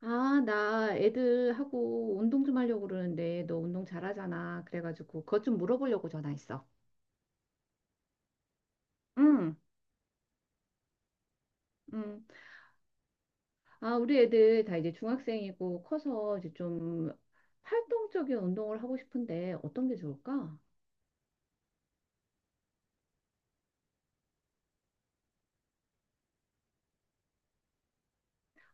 아, 나 애들하고 운동 좀 하려고 그러는데 너 운동 잘하잖아. 그래가지고 그것 좀 물어보려고 전화했어. 응, 음. 아, 우리 애들 다 이제 중학생이고 커서 이제 좀 활동적인 운동을 하고 싶은데 어떤 게 좋을까?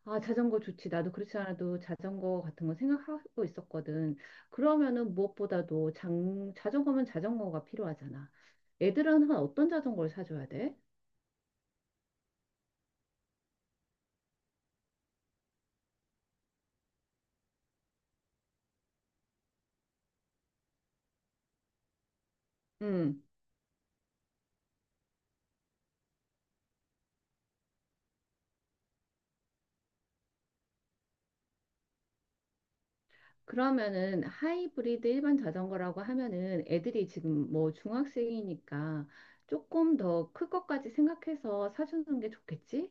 아, 자전거 좋지. 나도 그렇지 않아도 자전거 같은 거 생각하고 있었거든. 그러면은 무엇보다도 자전거면 자전거가 필요하잖아. 애들은 어떤 자전거를 사줘야 돼? 응. 그러면은 하이브리드 일반 자전거라고 하면은 애들이 지금 뭐 중학생이니까 조금 더 클 것까지 생각해서 사주는 게 좋겠지?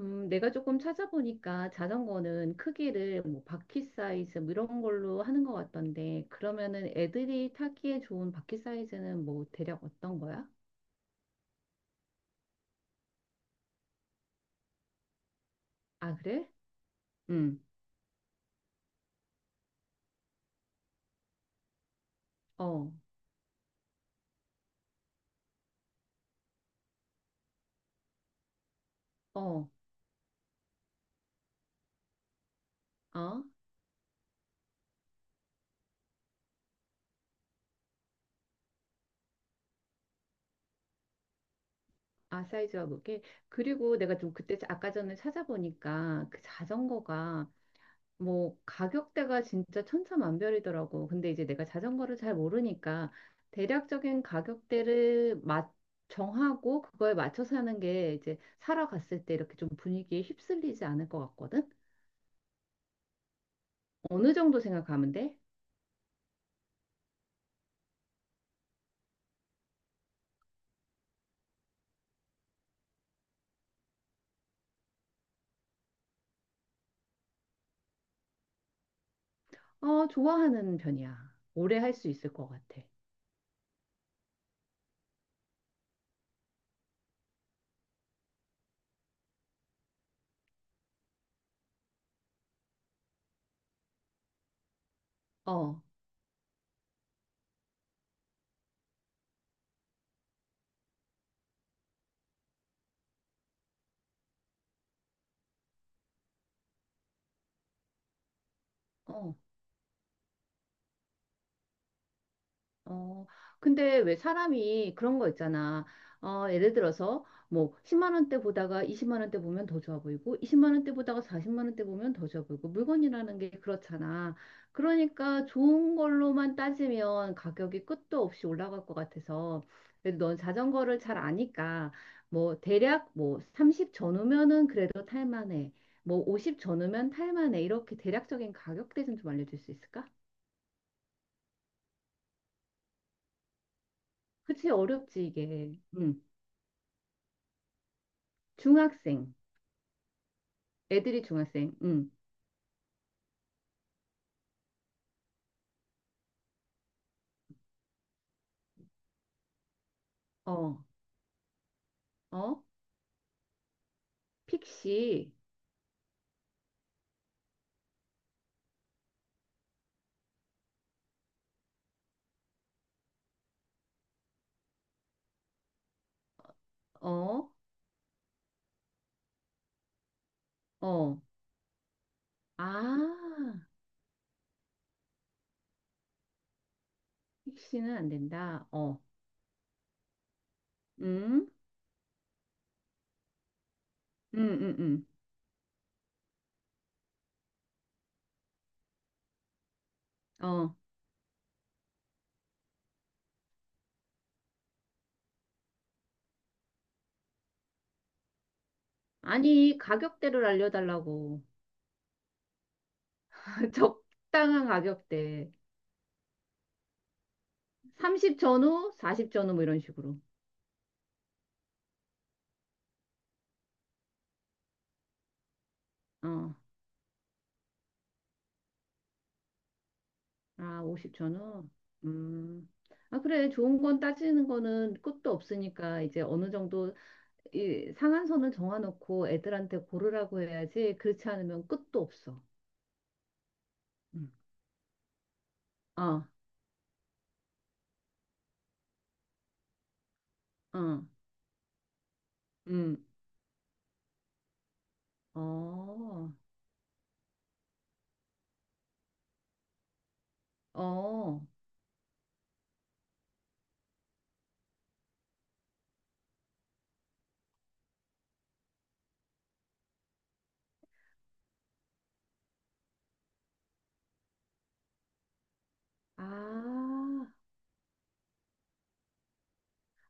내가 조금 찾아보니까 자전거는 크기를 뭐 바퀴 사이즈 뭐 이런 걸로 하는 것 같던데 그러면은 애들이 타기에 좋은 바퀴 사이즈는 뭐 대략 어떤 거야? 아, 그래? 응. 어, 어, 어. 아, 사이즈와 무게. 그리고 내가 좀 그때 아까 전에 찾아보니까 그 자전거가 뭐 가격대가 진짜 천차만별이더라고. 근데 이제 내가 자전거를 잘 모르니까 대략적인 가격대를 맞 정하고 그거에 맞춰서 하는 게 이제 사러 갔을 때 이렇게 좀 분위기에 휩쓸리지 않을 것 같거든. 어느 정도 생각하면 돼? 어, 좋아하는 편이야. 오래 할 수 있을 것 같아. 어, 어. 어, 근데 왜 사람이 그런 거 있잖아. 어, 예를 들어서 뭐 10만 원대 보다가 20만 원대 보면 더 좋아 보이고 20만 원대 보다가 40만 원대 보면 더 좋아 보이고 물건이라는 게 그렇잖아. 그러니까 좋은 걸로만 따지면 가격이 끝도 없이 올라갈 것 같아서 그래도 넌 자전거를 잘 아니까 뭐 대략 뭐 30 전후면은 그래도 탈만해. 뭐 50 전후면 탈만해. 이렇게 대략적인 가격대 좀 알려줄 수 있을까? 그치, 어렵지, 이게. 응. 중학생. 애들이 중학생. 응. 어, 어, 픽시. 어, 어. 아, 픽시는 안 된다. 어, 응, 응, 응, 응. 어. 아니, 가격대를 알려달라고. 적당한 가격대. 30 전후, 40 전후, 뭐 이런 식으로. 어, 아, 50 전후. 음. 아, 그래. 좋은 건 따지는 거는 끝도 없으니까 이제 어느 정도 이 상한선을 정해놓고 애들한테 고르라고 해야지 그렇지 않으면 끝도 없어. 음. 어, 어, 음. 어, 어. 아,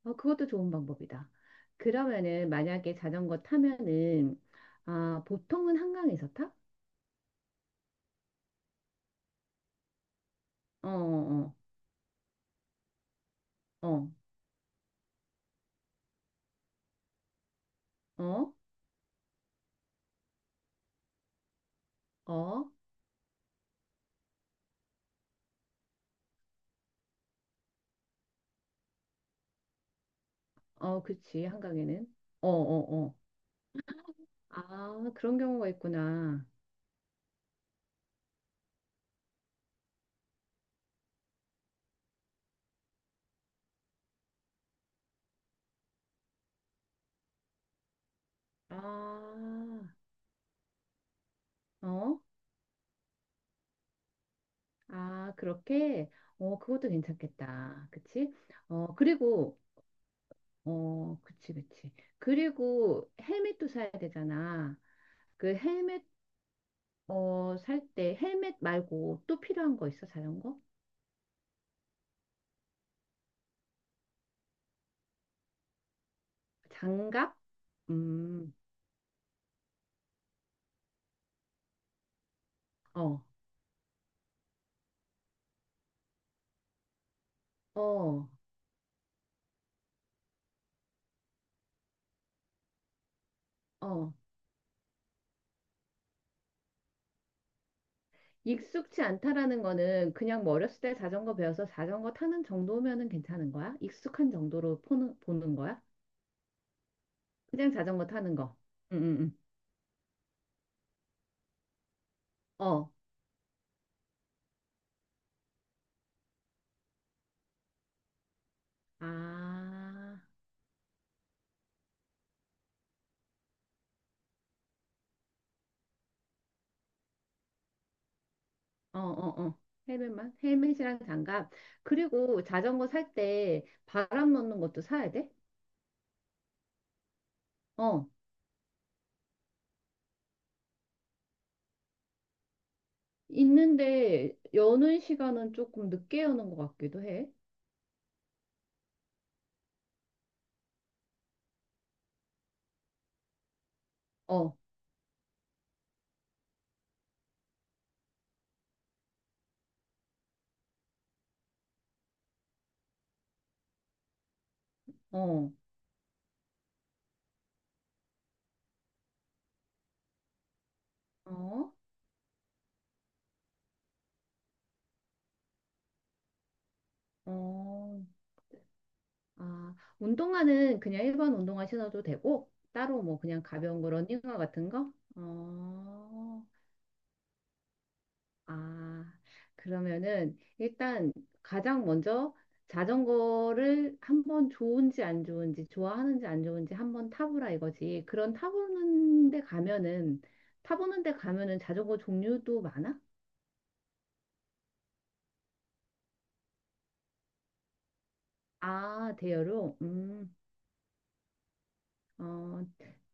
어, 그것도 좋은 방법이다. 그러면은 만약에 자전거 타면은 아, 보통은 한강에서 타? 어, 어, 어, 어, 어, 어, 어, 그치, 한강에는. 어, 어, 어. 아, 그런 경우가 있구나. 아, 어? 아, 그렇게? 어, 그것도 괜찮겠다. 그치? 어, 그리고, 어, 그치, 그치. 그리고 헬멧도 사야 되잖아. 그 헬멧, 어, 살 때 헬멧 말고 또 필요한 거 있어? 자전거? 장갑? 음, 어, 어, 어. 익숙치 않다라는 거는 그냥 뭐 어렸을 때 자전거 배워서 자전거 타는 정도면은 괜찮은 거야? 익숙한 정도로 보는 거야? 그냥 자전거 타는 거. 응, 응, 응. 어. 아. 어, 어, 어. 헬멧만? 헬멧이랑 장갑. 그리고 자전거 살 때 바람 넣는 것도 사야 돼? 어. 있는데 여는 시간은 조금 늦게 여는 것 같기도 해. 어, 어, 어, 어. 아, 운동화는 그냥 일반 운동화 신어도 되고, 따로 뭐 그냥 가벼운 거 러닝화 같은 거? 어. 아, 그러면은 일단 가장 먼저 자전거를 한번 좋은지 안 좋은지, 좋아하는지 안 좋은지 한번 타보라 이거지. 그런 타보는 데 가면은, 타보는 데 가면은 자전거 종류도 많아? 아, 대여로? 어,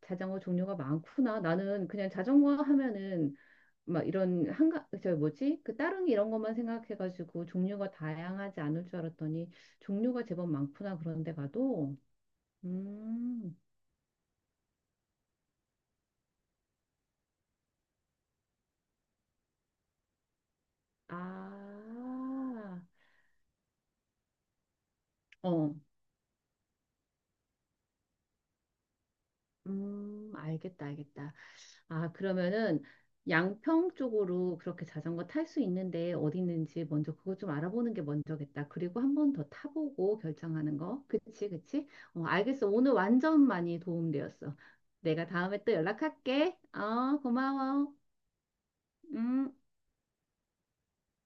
자전거 종류가 많구나. 나는 그냥 자전거 하면은 막 이런 한가, 저 뭐지? 그 따릉이 이런 것만 생각해가지고 종류가 다양하지 않을 줄 알았더니 종류가 제법 많구나. 그런 데 가도. 음, 아, 어, 알겠다, 알겠다. 아, 그러면은 양평 쪽으로 그렇게 자전거 탈 수 있는데 어디 있는지 먼저 그거 좀 알아보는 게 먼저겠다. 그리고 한번 더 타보고 결정하는 거. 그치, 그치? 어, 알겠어. 오늘 완전 많이 도움되었어. 내가 다음에 또 연락할게. 어, 고마워. 음.